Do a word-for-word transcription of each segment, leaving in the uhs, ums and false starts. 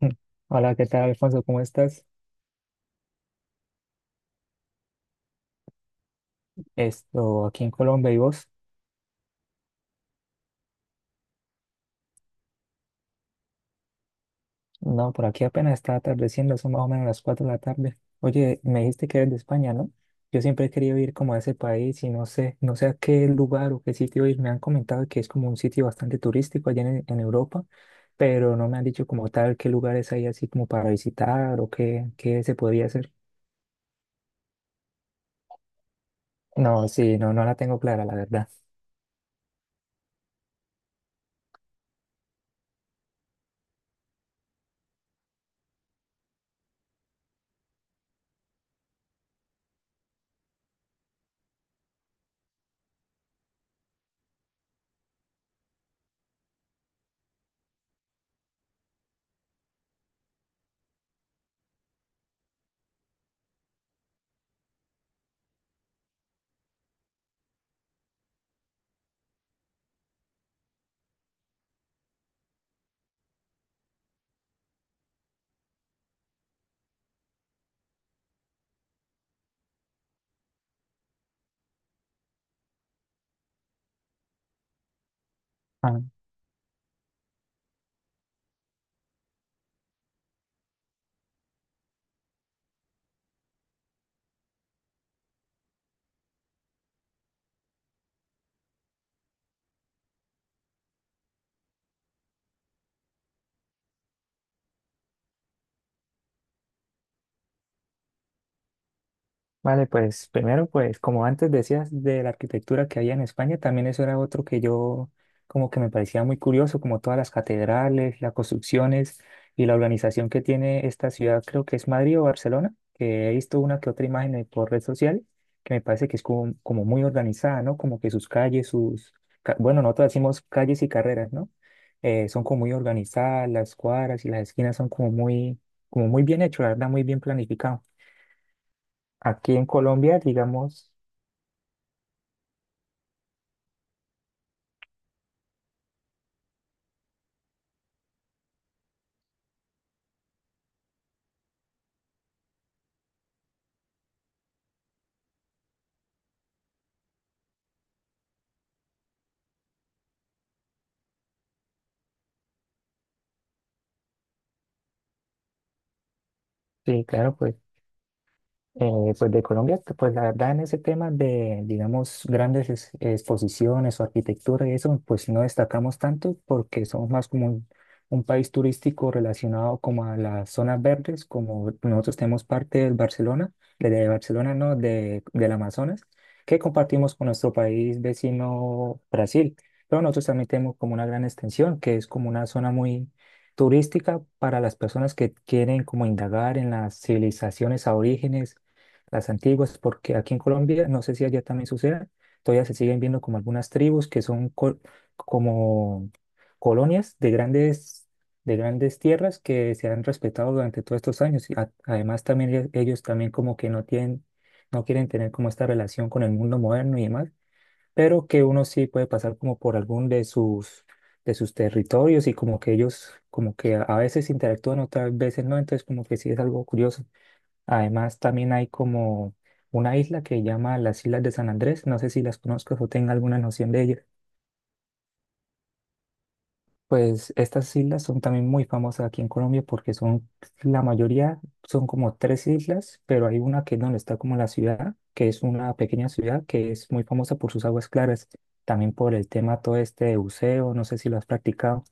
Mm. Hola, ¿qué tal, Alfonso? ¿Cómo estás? Esto, aquí en Colombia, ¿y vos? No, por aquí apenas está atardeciendo, son más o menos las cuatro de la tarde. Oye, me dijiste que eres de España, ¿no? Yo siempre he querido ir como a ese país y no sé, no sé a qué lugar o qué sitio ir. Me han comentado que es como un sitio bastante turístico allá en, en Europa, pero no me han dicho como tal qué lugares hay así como para visitar o qué, qué se podría hacer. No, sí, no, no la tengo clara, la verdad. Vale, pues primero, pues como antes decías de la arquitectura que había en España, también eso era otro que yo como que me parecía muy curioso, como todas las catedrales, las construcciones y la organización que tiene esta ciudad, creo que es Madrid o Barcelona, que he visto una que otra imagen en- por red social, que me parece que es como, como muy organizada, ¿no? Como que sus calles, sus, ca- bueno, nosotros decimos calles y carreras, ¿no? Eh, son como muy organizadas, las cuadras y las esquinas son como muy, como muy bien hecho, la verdad, muy bien planificado. Aquí en Colombia, digamos, sí, claro, pues. Eh, pues de Colombia, que, pues la verdad en ese tema de, digamos, grandes ex- exposiciones o arquitectura y eso, pues no destacamos tanto porque somos más como un, un país turístico relacionado como a las zonas verdes, como nosotros tenemos parte del Barcelona, de, de, Barcelona, no, de, del Amazonas, que compartimos con nuestro país vecino Brasil. Pero nosotros también tenemos como una gran extensión, que es como una zona muy turística para las personas que quieren como indagar en las civilizaciones aborígenes las antiguas, porque aquí en Colombia, no sé si allá también suceda, todavía se siguen viendo como algunas tribus que son col- como colonias de grandes, de grandes tierras que se han respetado durante todos estos años. Y a- además también ellos ellos también como que no tienen, no quieren tener como esta relación con el mundo moderno y demás, pero que uno sí puede pasar como por algún de sus de sus territorios y como que ellos como que a a veces interactúan, otras veces no, entonces como que sí es algo curioso. Además, también hay como una isla que llama las Islas de San Andrés. No sé si las conozcas o tenga alguna noción de ellas. Pues estas islas son también muy famosas aquí en Colombia porque son, la mayoría son como tres islas, pero hay una que es donde está como la ciudad, que es una pequeña ciudad que es muy famosa por sus aguas claras, también por el tema todo este de buceo, no sé si lo has practicado.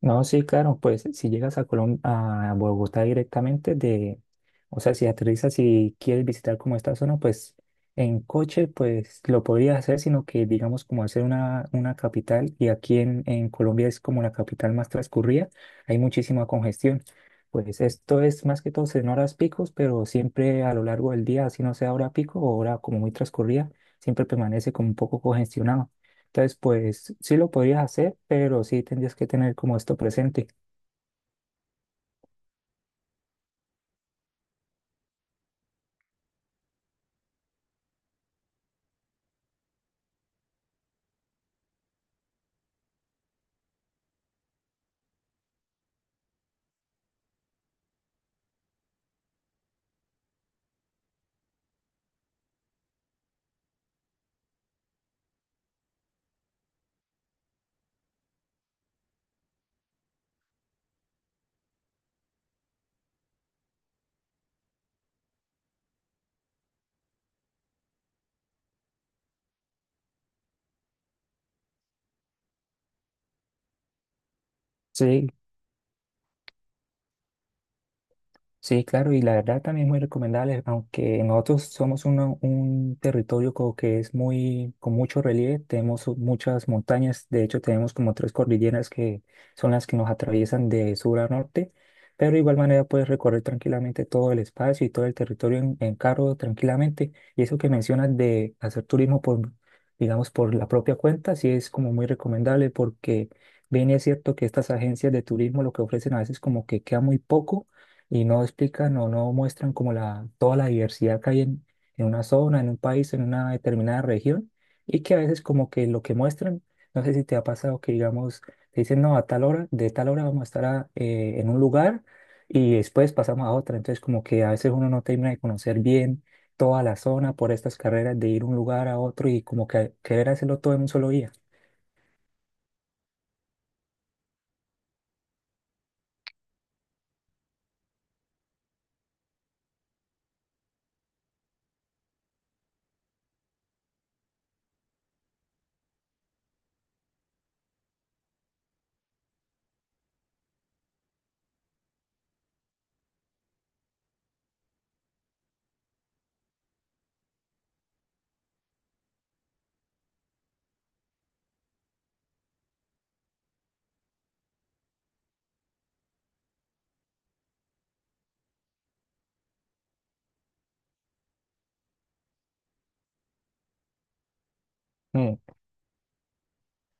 No, sí, claro, pues si llegas a Colom- a Bogotá directamente de, o sea, si aterrizas y quieres visitar como esta zona, pues en coche, pues lo podrías hacer, sino que digamos como hacer una, una, capital, y aquí en, en Colombia es como la capital más transcurrida, hay muchísima congestión. Pues esto es más que todo en horas picos, pero siempre a lo largo del día, así no sea hora pico o hora como muy transcurrida, siempre permanece como un poco congestionado. Entonces, pues sí lo podrías hacer, pero sí tendrías que tener como esto presente. Sí, sí, claro, y la verdad también es muy recomendable, aunque nosotros somos una- un territorio como que es muy, con mucho relieve, tenemos muchas montañas, de hecho tenemos como tres cordilleras que son las que nos atraviesan de sur a norte, pero de igual manera puedes recorrer tranquilamente todo el espacio y todo el territorio en, en carro tranquilamente, y eso que mencionas de hacer turismo por, digamos, por la propia cuenta, sí es como muy recomendable porque bien es cierto que estas agencias de turismo lo que ofrecen a veces como que queda muy poco y no explican o no muestran como la, toda la diversidad que hay en, en una zona, en un país, en una determinada región, y que a veces como que lo que muestran, no sé si te ha pasado que digamos, te dicen, no, a tal hora, de tal hora vamos a estar a- eh, en un lugar y después pasamos a otra, entonces como que a veces uno no termina de conocer bien toda la zona por estas carreras de ir un lugar a otro y como que querer hacerlo todo en un solo día.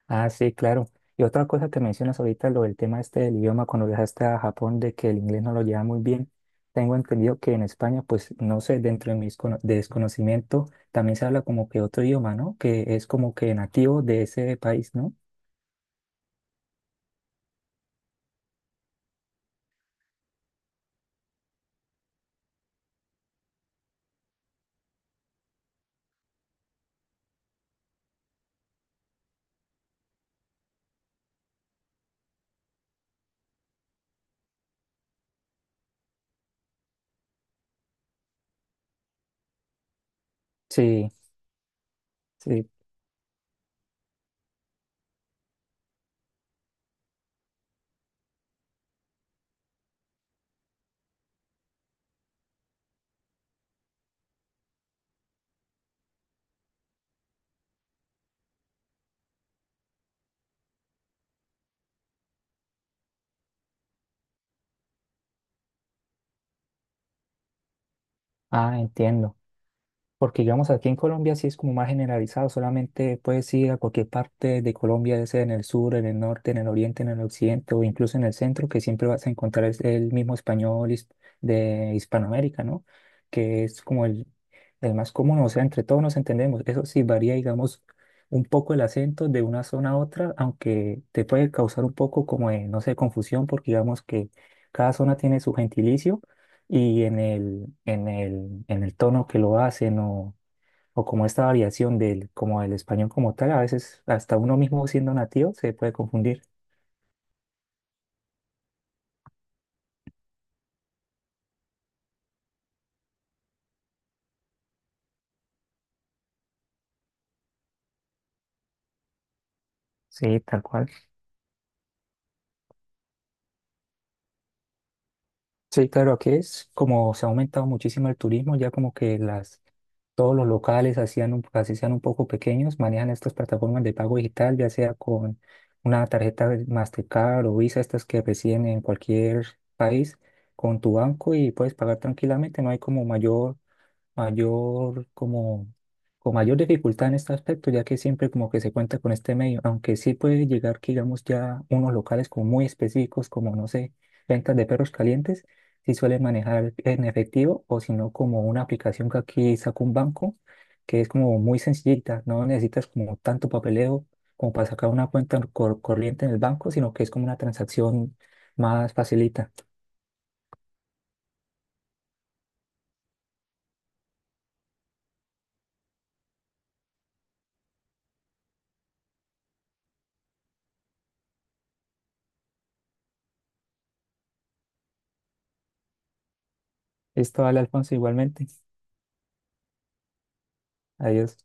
Ah, sí, claro. Y otra cosa que mencionas ahorita, lo del tema este del idioma, cuando viajaste a Japón, de que el inglés no lo lleva muy bien, tengo entendido que en España, pues no sé, dentro de mis cono- desconocimiento, también se habla como que otro idioma, ¿no? Que es como que nativo de ese país, ¿no? Sí, sí. Ah, entiendo. Porque digamos aquí en Colombia sí es como más generalizado, solamente puedes ir a cualquier parte de Colombia, ya sea en el sur, en el norte, en el oriente, en el occidente o incluso en el centro, que siempre vas a encontrar es el mismo español his- de Hispanoamérica, ¿no? Que es como el, el, más común, o sea, entre todos nos entendemos. Eso sí varía, digamos, un poco el acento de una zona a otra, aunque te puede causar un poco como de, no sé, confusión, porque digamos que cada zona tiene su gentilicio y en el, en el, en el tono que lo hacen o, o como esta variación del, como del español como tal, a veces hasta uno mismo siendo nativo se puede confundir. Sí, tal cual. Sí, claro, aquí es como se ha aumentado muchísimo el turismo, ya como que las, todos los locales hacían un, así sean un poco pequeños, manejan estas plataformas de pago digital, ya sea con una tarjeta de Mastercard o Visa, estas que reciben en cualquier país, con tu banco y puedes pagar tranquilamente, no hay como mayor mayor, como, con mayor dificultad en este aspecto, ya que siempre como que se cuenta con este medio, aunque sí puede llegar que digamos ya unos locales como muy específicos, como no sé, ventas de perros calientes, sí suelen manejar en efectivo o si no como una aplicación que aquí saca un banco, que es como muy sencillita, no necesitas como tanto papeleo como para sacar una cuenta cor- corriente en el banco, sino que es como una transacción más facilita. Esto Vale, Alfonso, igualmente. Adiós.